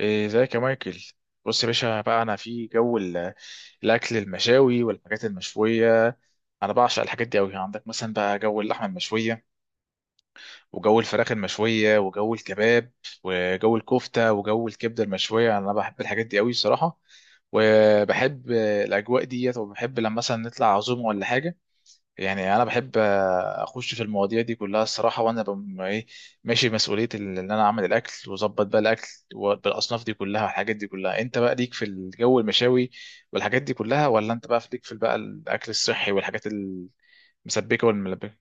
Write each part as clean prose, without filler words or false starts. إيه، ازيك يا مايكل؟ بص يا باشا بقى، انا في جو الاكل المشاوي والحاجات المشويه. انا بعشق الحاجات دي قوي. عندك مثلا بقى جو اللحمه المشويه، وجو الفراخ المشويه، وجو الكباب، وجو الكفته، وجو الكبده المشويه. انا بحب الحاجات دي قوي الصراحه. وبحب الاجواء ديت، وبحب لما مثلا نطلع عزومه ولا حاجه. يعني انا بحب، اخش في المواضيع دي كلها الصراحه. وانا ايه، ماشي مسؤوليه ان انا اعمل الاكل واظبط بقى الاكل، بالاصناف دي كلها والحاجات دي كلها. انت بقى ليك في الجو المشاوي والحاجات دي كلها، ولا انت بقى ليك في بقى الاكل الصحي والحاجات المسبكه والملبكه؟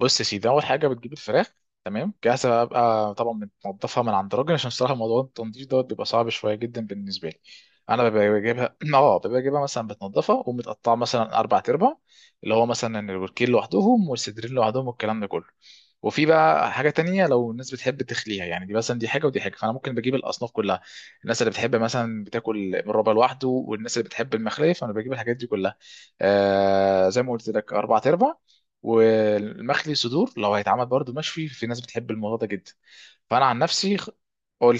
بص يا سيدي، اول حاجه بتجيب الفراخ تمام جاهزه بقى. طبعا بتنضفها من عند راجل، عشان الصراحه موضوع التنظيف دوت بيبقى صعب شويه جدا بالنسبه لي. انا ببقى بجيبها اه ببقى بجيبها مثلا بتنضفها، ومتقطعه مثلا 4 ارباع، اللي هو مثلا الوركين لوحدهم، والصدرين لوحدهم، والكلام ده كله. وفي بقى حاجه تانية لو الناس بتحب تخليها، يعني دي مثلا دي حاجه ودي حاجه، فانا ممكن بجيب الاصناف كلها. الناس اللي بتحب مثلا بتاكل الربع لوحده، والناس اللي بتحب المخليه، فانا بجيب الحاجات دي كلها. زي ما قلت لك، 4 ارباع. والمخلي صدور لو هيتعمل برضو مشوي، في ناس بتحب الموضوع ده جدا. فانا عن نفسي. قول.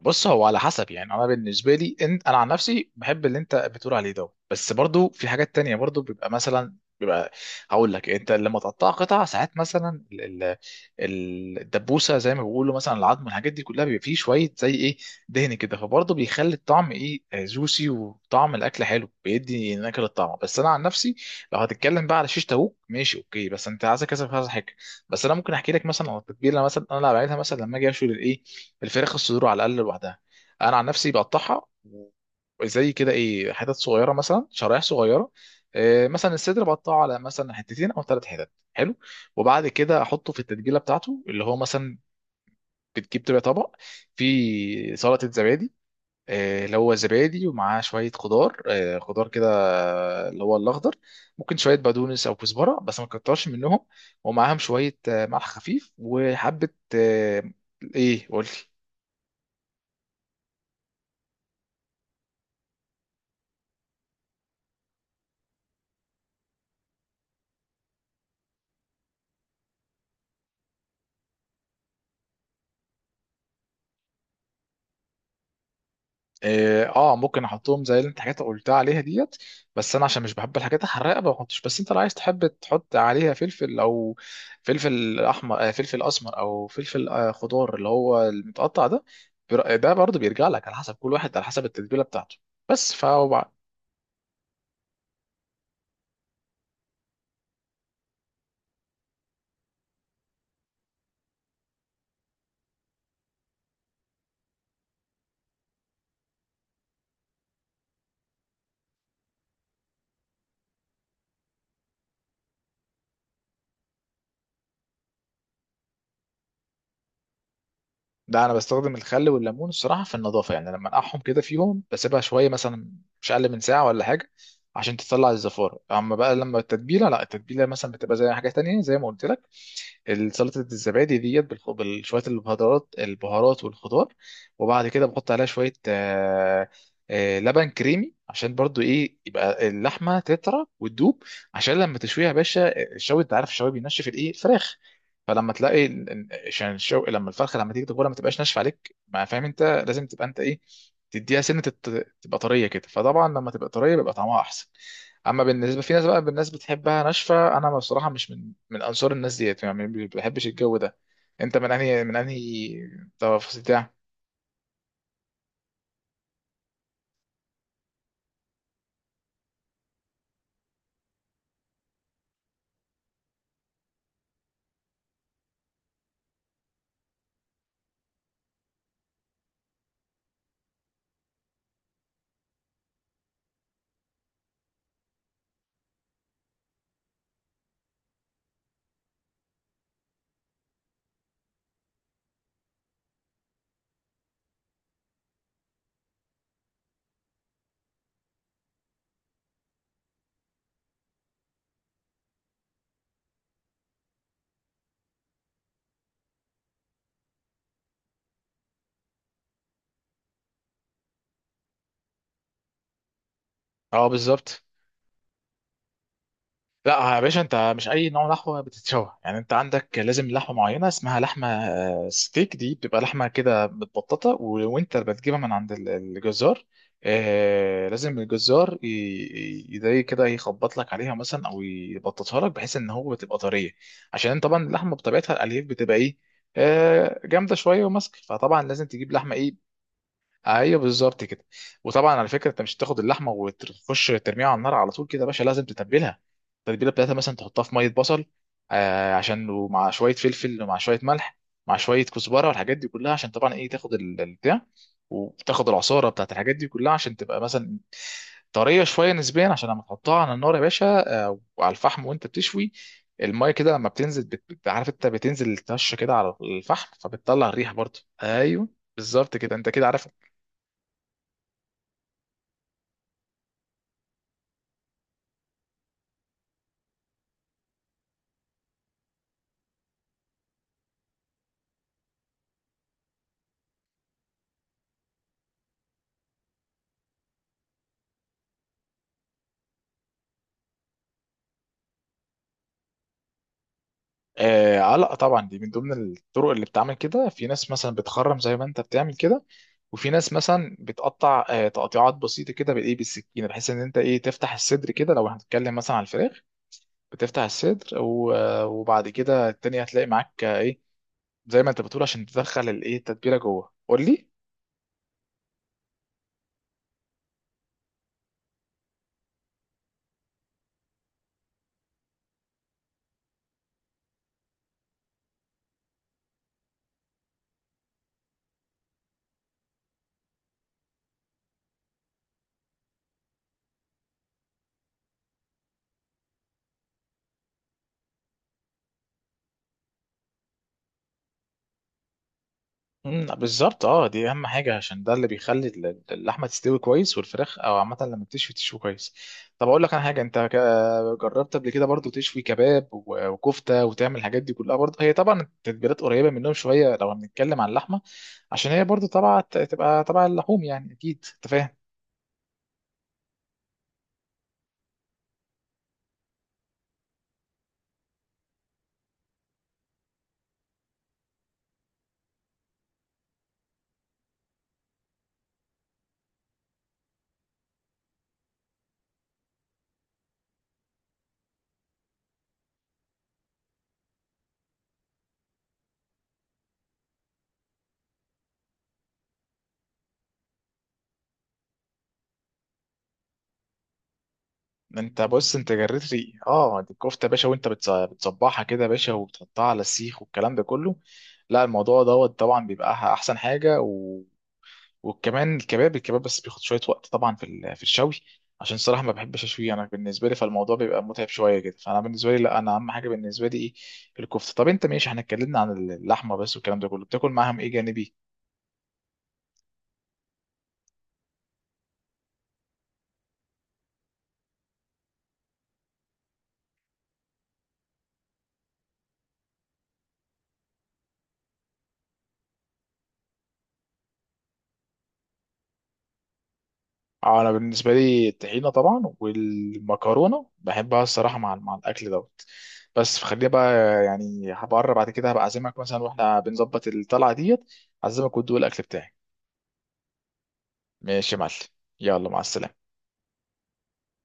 بص، هو على حسب يعني. انا بالنسبه لي، إن انا عن نفسي بحب اللي انت بتقول عليه ده. بس برضو في حاجات تانية، برضو بيبقى مثلا بيبقى، هقول لك: انت لما تقطع قطع، ساعات مثلا الدبوسه زي ما بيقولوا، مثلا العظم، الحاجات دي كلها بيبقى فيه شويه زي ايه، دهن كده، فبرضه بيخلي الطعم ايه، جوسي، وطعم الاكل حلو، بيدي نكهه للطعم. بس انا عن نفسي لو هتتكلم بقى على شيش تاوك، ماشي اوكي، بس انت عايز كذا كذا حاجه. بس انا ممكن احكي لك مثلا عن التتبيله. مثلا انا اللي بعملها، مثلا لما اجي اشوي الايه، الفراخ الصدور على الاقل لوحدها. انا عن نفسي بقطعها، زي كده ايه، حتت صغيره، مثلا شرايح صغيره. إيه، مثلا الصدر بقطعه على مثلا حتتين او 3 حتت، حلو. وبعد كده احطه في التتبيله بتاعته، اللي هو مثلا بتجيب تبقى طبق فيه سلطه زبادي، اللي هو زبادي ومعاه شوية خضار، خضار كده، اللي هو الأخضر. ممكن شوية بقدونس أو كزبرة، بس ما تكترش منهم، ومعاهم شوية ملح خفيف، وحبة. آه، ايه، قولي. اه، ممكن احطهم زي اللي انت حاجات قلتها عليها ديت. بس انا عشان مش بحب الحاجات الحراقه ما بحطش. بس انت لو عايز تحب تحط عليها فلفل، او فلفل احمر، فلفل اسمر، او فلفل خضار، اللي هو المتقطع ده. ده برضه بيرجع لك على حسب كل واحد، على حسب التتبيله بتاعته. بس لا، انا بستخدم الخل والليمون الصراحه في النظافه، يعني لما انقعهم كده فيهم بسيبها شويه، مثلا مش اقل من ساعه ولا حاجه، عشان تطلع الزفاره. اما بقى لما التتبيله، لا، التتبيله مثلا بتبقى زي حاجه تانية، زي ما قلت لك، سلطة الزبادي ديت بشوية البهارات، البهارات والخضار، وبعد كده بحط عليها شوية لبن كريمي، عشان برضو ايه يبقى اللحمة تطرى وتدوب. عشان لما تشويها يا باشا، الشوي، انت عارف الشوي بينشف الايه، الفراخ. فلما تلاقي عشان لما الفرخة، لما تيجي تاكلها ما تبقاش ناشفة عليك، ما فاهم؟ انت لازم تبقى انت ايه، تديها سنة تبقى طرية كده. فطبعا لما تبقى طرية بيبقى طعمها احسن. اما بالنسبه في ناس بقى، بالناس بتحبها ناشفه، انا بصراحه مش من انصار الناس ديت، يعني ما بحبش الجو ده. انت من انهي تفاصيل ده؟ اه، بالظبط. لا يا باشا، انت مش اي نوع لحمه بتتشوى. يعني انت عندك لازم لحمه معينه، اسمها لحمه ستيك، دي بتبقى لحمه كده متبططه، وانت بتجيبها من عند الجزار. لازم الجزار زي كده يخبط لك عليها مثلا، او يبططها لك، بحيث ان هو بتبقى طريه. عشان طبعا اللحمه بطبيعتها الالياف بتبقى ايه، جامده شويه وماسكه، فطبعا لازم تجيب لحمه ايه. ايوه، بالظبط كده. وطبعا على فكره، انت مش هتاخد اللحمه وتخش ترميها على النار على طول كده يا باشا، لازم تتبلها. التتبيله بتاعتها مثلا تحطها في ميه بصل، عشان، ومع شويه فلفل، ومع شويه ملح، مع شويه كزبره، والحاجات دي كلها، عشان طبعا ايه، تاخد البتاع، وتاخد العصاره بتاعت الحاجات دي كلها، عشان تبقى مثلا طريه شويه نسبيا، عشان لما تحطها على النار يا باشا، وعلى الفحم وانت بتشوي، الميه كده لما بتنزل عارف، انت بتنزل الطشه كده على الفحم فبتطلع الريحه، برضه ايوه بالظبط كده، انت كده عارف. لا طبعا، دي من ضمن الطرق اللي بتعمل كده. في ناس مثلا بتخرم زي ما انت بتعمل كده، وفي ناس مثلا بتقطع تقطيعات بسيطه كده بايه، بالسكينه، بحيث ان انت ايه، تفتح الصدر كده، لو هنتكلم مثلا على الفراخ، بتفتح الصدر وبعد كده التانية هتلاقي معاك ايه زي ما انت بتقول، عشان تدخل الايه التتبيله جوه. قول لي. بالظبط، اه، دي اهم حاجه، عشان ده اللي بيخلي اللحمه تستوي كويس، والفراخ او عامه لما بتشوي تشوي كويس. طب اقول لك انا حاجه، انت جربت قبل كده برضو تشوي كباب وكفته، وتعمل الحاجات دي كلها؟ برضو هي طبعا التتبيلات قريبه منهم شويه لو هنتكلم عن اللحمه، عشان هي برضو طبعا تبقى طبعا اللحوم يعني، اكيد انت فاهم. انت بص، انت جريت لي. اه دي الكفته يا باشا، وانت بتصبحها كده يا باشا، وبتحطها على السيخ والكلام ده كله، لا الموضوع دوت طبعا بيبقى احسن حاجه. وكمان الكباب، الكباب بس بياخد شويه وقت طبعا في في الشوي، عشان صراحه ما بحبش اشويه، انا بالنسبه لي فالموضوع بيبقى متعب شويه كده، فانا بالنسبه لي لا، انا اهم حاجه بالنسبه لي ايه، الكفته. طب انت ماشي، احنا اتكلمنا عن اللحمه بس والكلام ده كله، بتاكل معاهم ايه جانبي؟ انا بالنسبه لي الطحينه طبعا والمكرونه بحبها الصراحه مع الاكل دوت. بس خلينا بقى يعني هبقرب بعد كده، هبقى اعزمك مثلا، واحنا بنظبط الطلعه ديت، اعزمك وتدوق الاكل بتاعي. ماشي يا معلم، يلا مع السلامه.